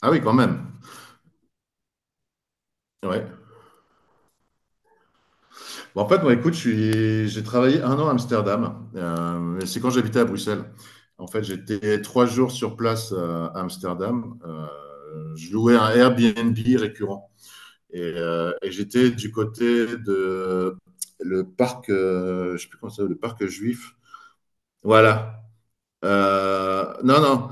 Ah oui, quand même. Ouais. Bon, en fait, moi, écoute, j'ai travaillé un an à Amsterdam. Mais c'est quand j'habitais à Bruxelles. En fait, j'étais 3 jours sur place à Amsterdam. Je louais un Airbnb récurrent. Et j'étais du côté de le parc, je sais plus comment ça s'appelle, le parc juif. Voilà. Non, non.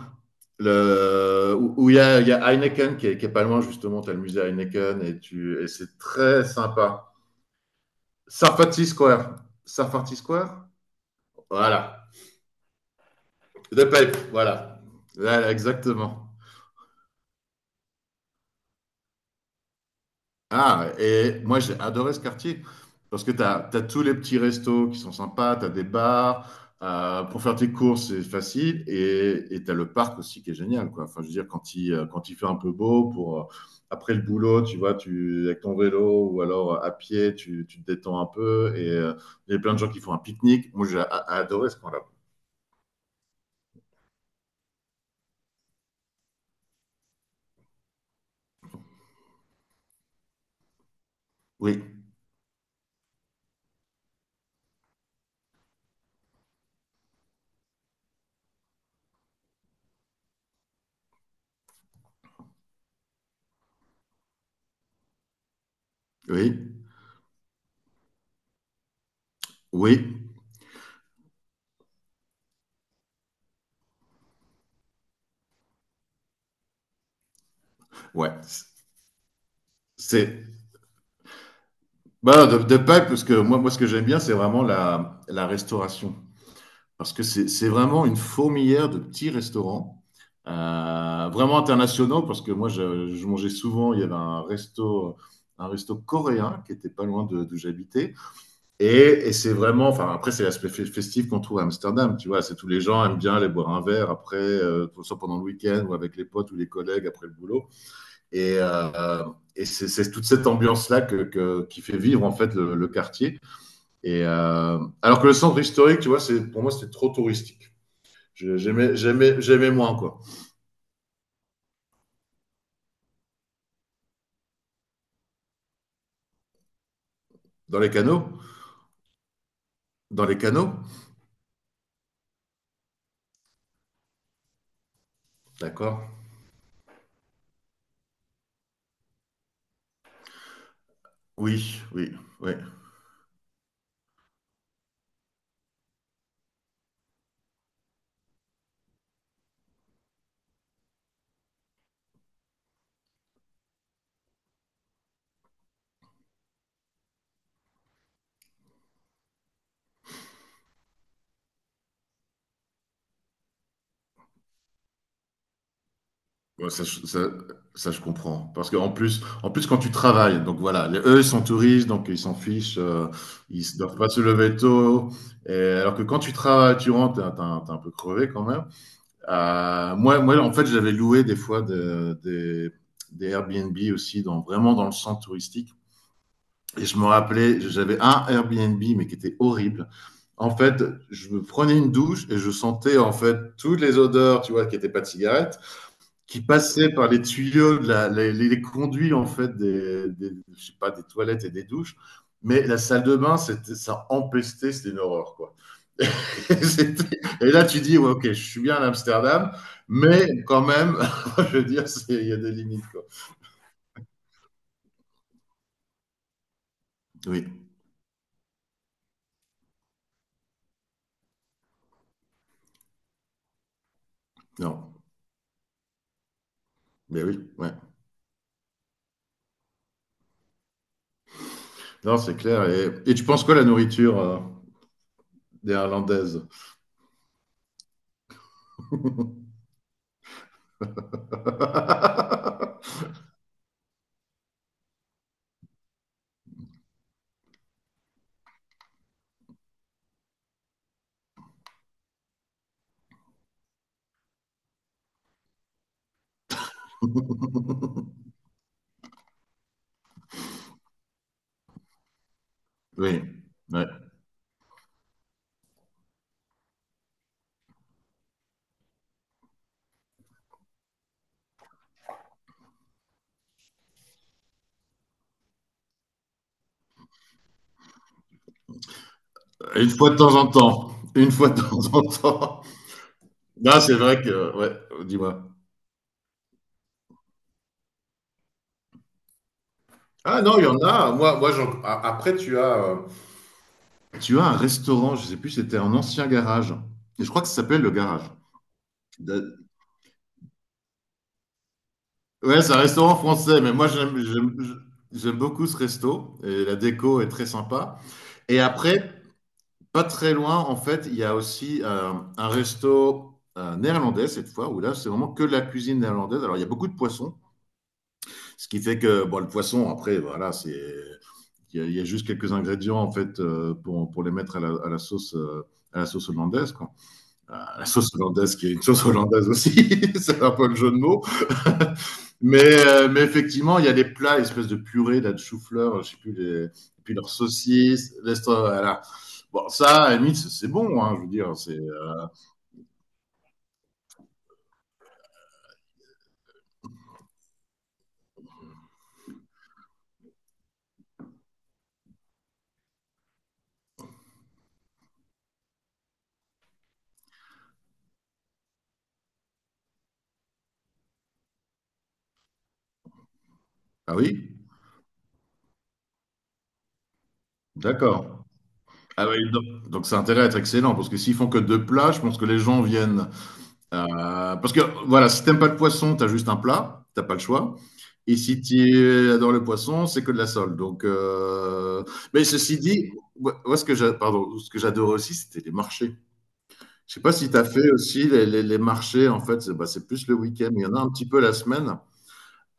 Où il y a Heineken qui est pas loin, justement. Tu as le musée Heineken et c'est très sympa. Sarfati Square. Sarfati Square. Voilà. The Pipe, voilà. Voilà, exactement. Ah, et moi, j'ai adoré ce quartier parce que tu as tous les petits restos qui sont sympas, tu as des bars, pour faire tes courses, c'est facile. Et tu as le parc aussi qui est génial, quoi. Enfin, je veux dire, quand il fait un peu beau, pour, après le boulot, tu vois, avec ton vélo ou alors à pied, tu te détends un peu. Et il y a plein de gens qui font un pique-nique. Moi, j'ai adoré ce coin-là. Oui, oui. Oui, ouais. C'est bah, de Pâques, parce que moi, ce que j'aime bien, c'est vraiment la restauration. Parce que c'est vraiment une fourmilière de petits restaurants, vraiment internationaux, parce que moi, je mangeais souvent, il y avait un resto coréen qui était pas loin d'où j'habitais. Et, et c'est vraiment, enfin, après, c'est l'aspect festif qu'on trouve à Amsterdam, tu vois. C'est tous les gens aiment bien aller boire un verre après, pour ça pendant le week-end ou avec les potes ou les collègues après le boulot. Et, euh, et c'est toute cette ambiance-là qui fait vivre en fait le quartier. Et alors que le centre historique, tu vois, pour moi c'était trop touristique. J'aimais moins, quoi. Dans les canaux, dans les canaux, d'accord. Oui, oui, oui. Ouais, ça, je comprends. Parce qu'en plus quand tu travailles, donc voilà, eux ils sont touristes, donc ils s'en fichent, ils ne doivent pas se lever tôt. Et alors que quand tu travailles, tu rentres, t'es un peu crevé quand même. Moi, en fait, j'avais loué des fois des Airbnb aussi, dans, vraiment dans le centre touristique. Et je me rappelais, j'avais un Airbnb, mais qui était horrible. En fait, je prenais une douche et je sentais en fait toutes les odeurs, tu vois, qui n'étaient pas de cigarettes, qui passaient par les tuyaux, de la- les conduits en fait je sais pas, des toilettes et des douches. Mais la salle de bain, ça empestait, c'était une horreur, quoi. Et là, tu dis, ouais, ok, je suis bien à Amsterdam, mais quand même, je veux dire, il y a des limites, quoi. Oui, non, mais oui, ouais. Non, c'est clair. Et tu penses quoi la nourriture néerlandaise? Oui, ouais. Une fois de temps en temps. Une fois de temps en temps. Là c'est vrai que, ouais, dis-moi. Ah non, il y en a. Moi, après, tu as un restaurant, je sais plus, si c'était un ancien garage. Et je crois que ça s'appelle le garage. Da- Ouais, c'est un restaurant français, mais moi j'aime beaucoup ce resto et la déco est très sympa. Et après, pas très loin, en fait, il y a aussi un resto néerlandais cette fois, où là c'est vraiment que de la cuisine néerlandaise. Alors il y a beaucoup de poissons, ce qui fait que bon, le poisson, après, voilà, c'est il y a juste quelques ingrédients en fait pour les mettre à la sauce à la sauce hollandaise, quoi. La sauce hollandaise qui est une sauce hollandaise aussi, c'est un peu le jeu de mots. Mais effectivement, il y a des plats, espèce de purée, là, de chou-fleur, je sais plus, et puis leurs saucisses, voilà. Bon, ça, à la limite, c'est bon, hein, je veux dire. C'est Ah oui. D'accord. Ah oui, donc ça a intérêt à être excellent, parce que s'ils font que deux plats, je pense que les gens viennent. Parce que voilà, si t'aimes pas le poisson, t'as juste un plat, t'as pas le choix. Et si tu adores le poisson, c'est que de la sole. Donc, mais ceci dit, moi, ce que pardon, ce que j'adorais aussi, c'était les marchés. Je sais pas si tu as fait aussi les marchés. En fait, c'est bah, c'est plus le week-end. Il y en a un petit peu la semaine.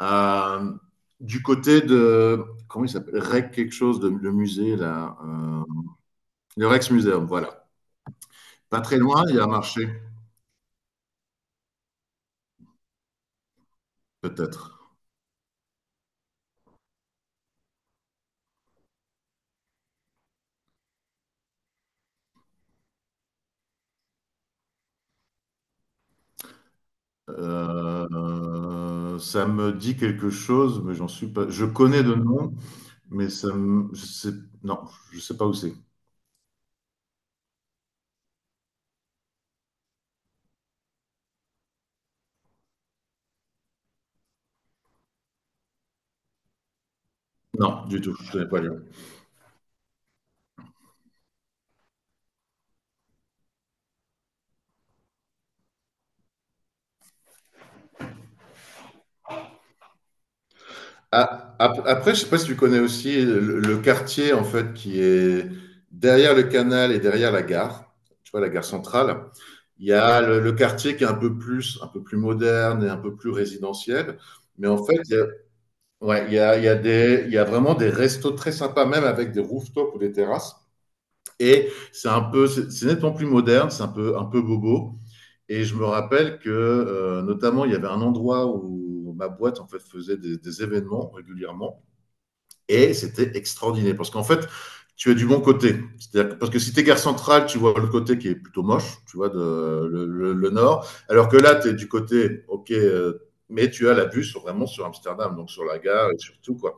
Euh, du côté de comment il s'appelle? Rec quelque chose de le musée là. Le Rex Museum. Voilà. Pas très loin, il y a un marché, peut-être. Ça me dit quelque chose, mais j'en suis pas. Je connais de nom, mais ça me... je sais... non, je sais pas où c'est. Non, du tout, je connais pas Lyon. Ah, après, je sais pas si tu connais aussi le quartier en fait qui est derrière le canal et derrière la gare. Tu vois, la gare centrale. Il y a le quartier qui est un peu plus moderne et un peu plus résidentiel. Mais en fait, ouais, il y a vraiment des restos très sympas, même avec des rooftops ou des terrasses. Et c'est nettement plus moderne, c'est un peu bobo. Et je me rappelle que, notamment, il y avait un endroit où ma boîte en fait faisait des événements régulièrement, et c'était extraordinaire parce qu'en fait, tu as du bon côté. C'est-à-dire parce que si tu es gare centrale, tu vois le côté qui est plutôt moche, tu vois, le nord. Alors que là, tu es du côté, ok, mais tu as la vue sur, vraiment sur Amsterdam, donc sur la gare et sur tout, quoi.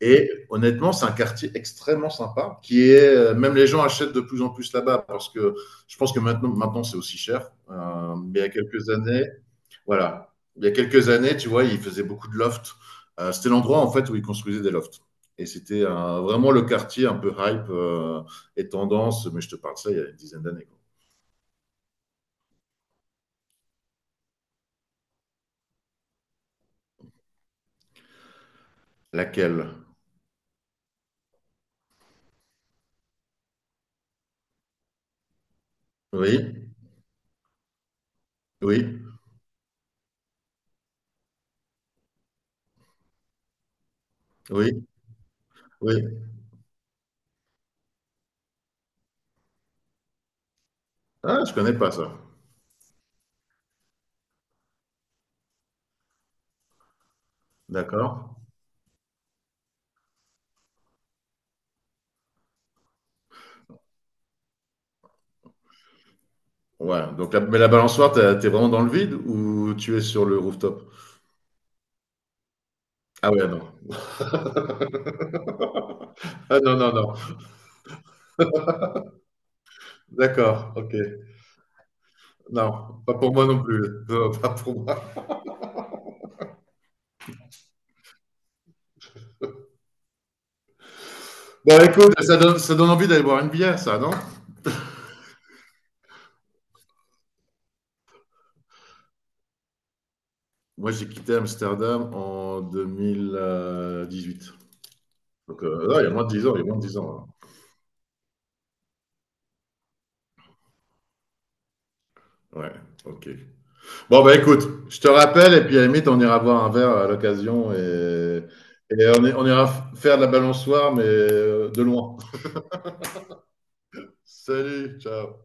Et honnêtement, c'est un quartier extrêmement sympa, qui est même les gens achètent de plus en plus là-bas parce que je pense que maintenant c'est aussi cher. Mais il y a quelques années, voilà, il y a quelques années, tu vois, ils faisaient beaucoup de lofts. C'était l'endroit en fait où ils construisaient des lofts. Et c'était vraiment le quartier un peu hype et tendance, mais je te parle de ça il y a une dizaine d'années, quoi. Laquelle? Oui, oui, oui, oui. Ah, je connais pas ça. D'accord. Ouais, donc mais la balançoire, t'es vraiment dans le vide ou tu es sur le rooftop? Ah ouais, non. Ah non, non, non. D'accord, ok. Non, pas pour moi non plus. Non, pas pour moi. Bon, écoute, ça donne envie d'aller boire une bière, ça, non? Moi, j'ai quitté Amsterdam en 2018. Donc, ah, il y a moins de 10 ans, il y a moins de 10 ans, hein. Ouais, ok. Bon, bah écoute, je te rappelle, et puis à la limite, on ira boire un verre à l'occasion et, on ira faire de la balançoire, mais de loin. Salut, ciao.